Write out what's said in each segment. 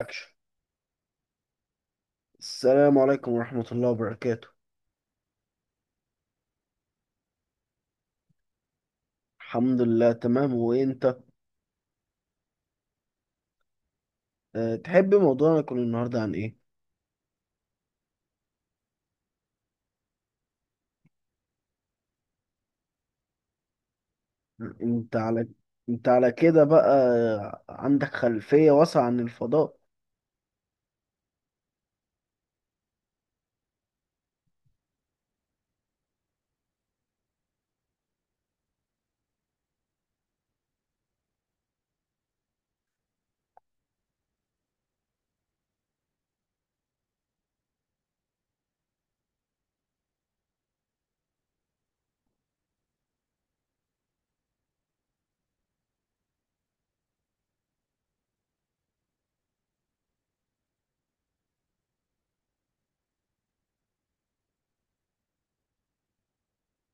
أكشن. السلام عليكم ورحمة الله وبركاته. الحمد لله تمام، وانت؟ تحب موضوعنا يكون النهاردة عن ايه؟ انت على انت على كده بقى عندك خلفية واسعة عن الفضاء.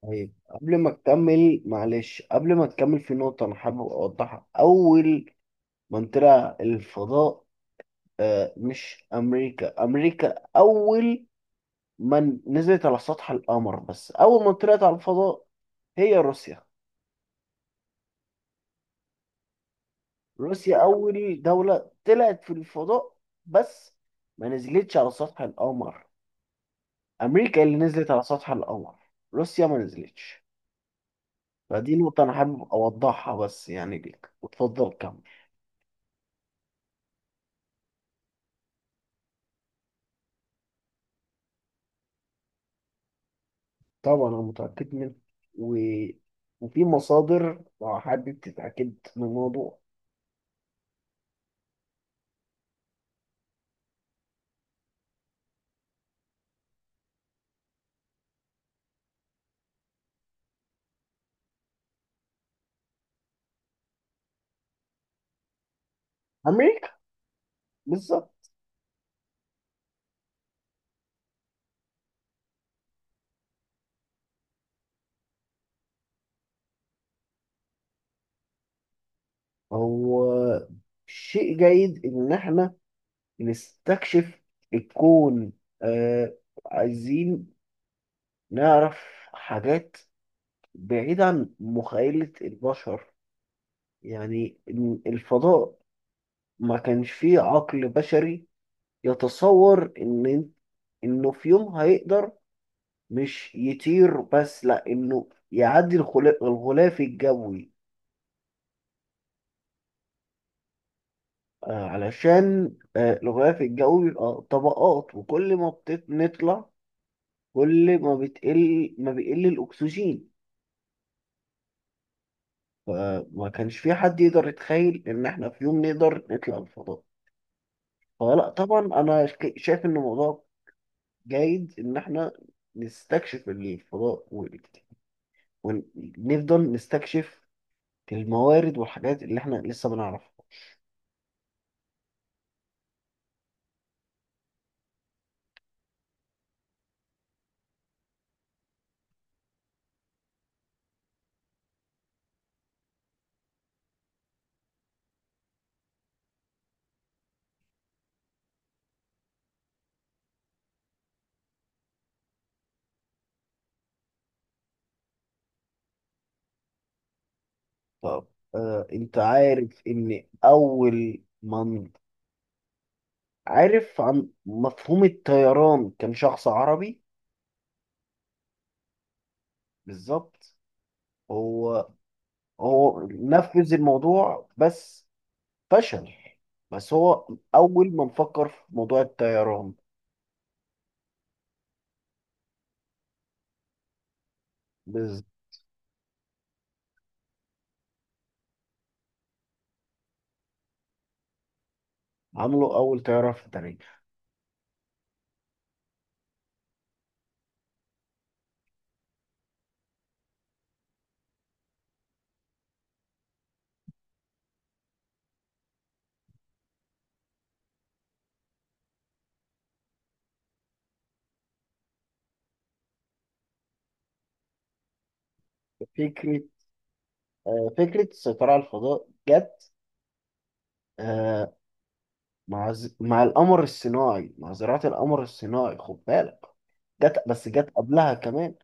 طيب قبل ما تكمل، في نقطة أنا حابب أوضحها. أول من طلع الفضاء، آه، مش أمريكا. أمريكا أول من نزلت على سطح القمر، بس أول من طلعت على الفضاء هي روسيا. روسيا أول دولة طلعت في الفضاء، بس ما نزلتش على سطح القمر. أمريكا اللي نزلت على سطح القمر، روسيا ما نزلتش. فدي نقطة أنا حابب أوضحها بس، يعني ليك، وتفضل كمل. طبعا أنا متأكد منها، و... وفي مصادر لو حابب تتأكد من الموضوع. أمريكا. بالظبط. هو شيء جيد إن إحنا نستكشف الكون. آه عايزين نعرف حاجات بعيد عن مخيلة البشر. يعني إن الفضاء ما كانش فيه عقل بشري يتصور إنه في يوم هيقدر مش يطير بس، لأ، إنه يعدي الغلاف الجوي، علشان الغلاف الجوي بيبقى طبقات، وكل ما بنطلع كل ما بتقل ما بيقل الأكسجين. فما كانش في حد يقدر يتخيل إن إحنا في يوم نقدر نطلع الفضاء. هو لا طبعا انا شايف ان الموضوع جيد ان احنا نستكشف الفضاء ونفضل نستكشف الموارد والحاجات اللي احنا لسه بنعرفها. طب، انت عارف ان اول من عارف عن مفهوم الطيران كان شخص عربي؟ بالظبط. هو هو نفذ الموضوع، بس فشل. بس هو اول من فكر في موضوع الطيران. بالظبط، عملوا اول طياره في التاريخ. فكرة فكرة السيطرة على الفضاء جت، آه، مع القمر الصناعي، مع زراعة القمر الصناعي، خد بالك. جت، بس جت قبلها كمان.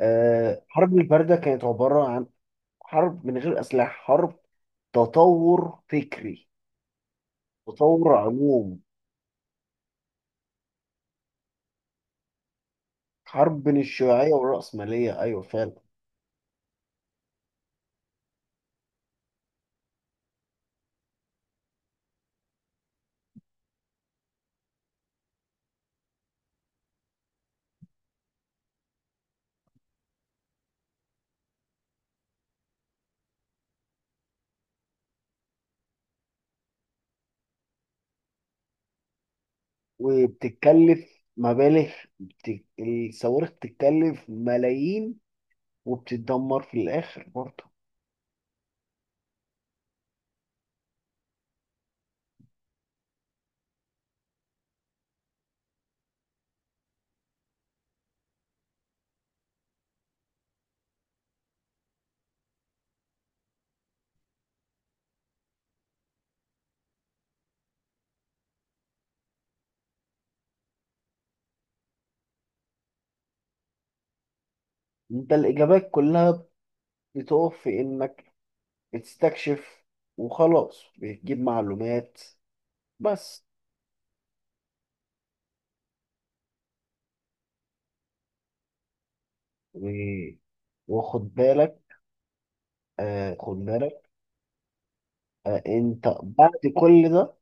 حرب الباردة كانت عبارة عن حرب من غير أسلحة، حرب تطور فكري، تطور عموم. حرب بين الشيوعية والرأسمالية، أيوة فعلا. وبتتكلف مبالغ، الصواريخ بتتكلف ملايين، وبتتدمر في الآخر برضه. انت الإجابات كلها بتقف في إنك بتستكشف وخلاص، بتجيب معلومات بس. و... وخد بالك، آه خد بالك أنت بعد كل ده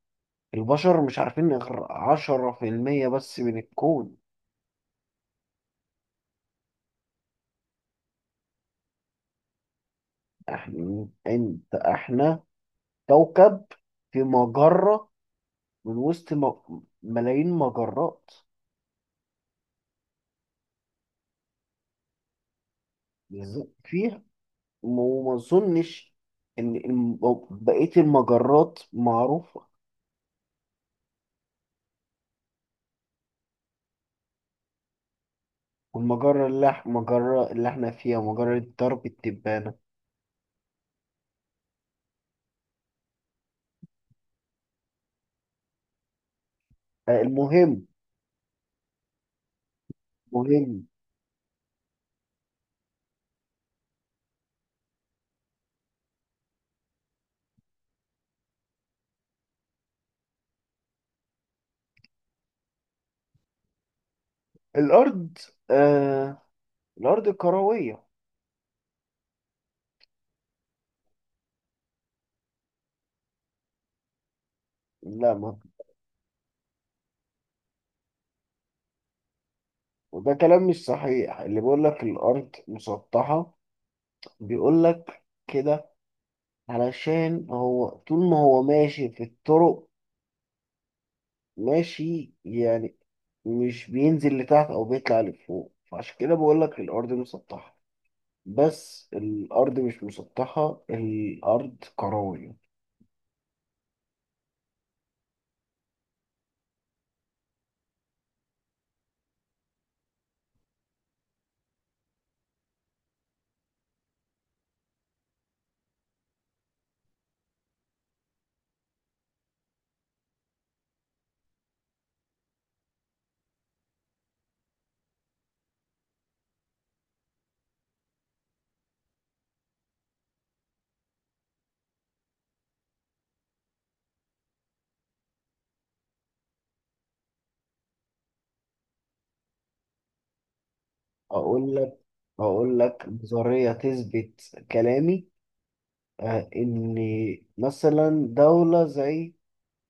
البشر مش عارفين غير 10% بس من الكون. احنا كوكب في مجرة، من وسط ملايين مجرات. بالظبط فيها. وما أظنش إن بقية المجرات معروفة. والمجرة اللي إح- المجرة اللي احنا فيها مجرة درب التبانة. المهم مهم الأرض، آه الأرض كروية. لا، ما. وده كلام مش صحيح، اللي بيقول لك الأرض مسطحة بيقول لك كده علشان هو طول ما هو ماشي في الطرق، ماشي يعني، مش بينزل لتحت أو بيطلع لفوق، فعشان كده بقول لك الأرض مسطحة. بس الأرض مش مسطحة، الأرض كروية. أقول هقول لك نظرية تثبت كلامي. إن مثلا دولة زي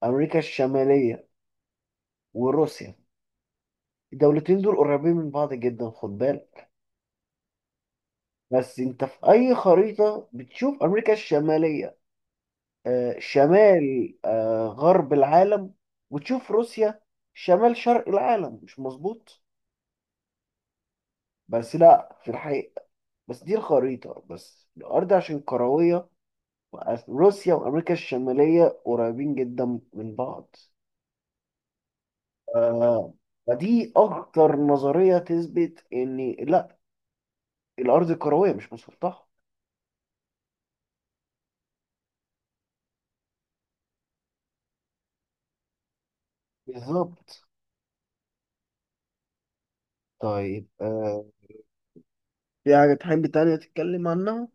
أمريكا الشمالية وروسيا، الدولتين دول قريبين من بعض جدا، خد بالك. بس أنت في أي خريطة بتشوف أمريكا الشمالية شمال غرب العالم، وتشوف روسيا شمال شرق العالم، مش مظبوط؟ بس لا، في الحقيقة، بس دي الخريطة بس، الأرض عشان كروية، روسيا وأمريكا الشمالية قريبين جدا من بعض. آه، فدي أكتر نظرية تثبت إن، لأ، الأرض كروية مش مسطحة. بالظبط. طيب، في حاجة تحب تانية تتكلم عنها؟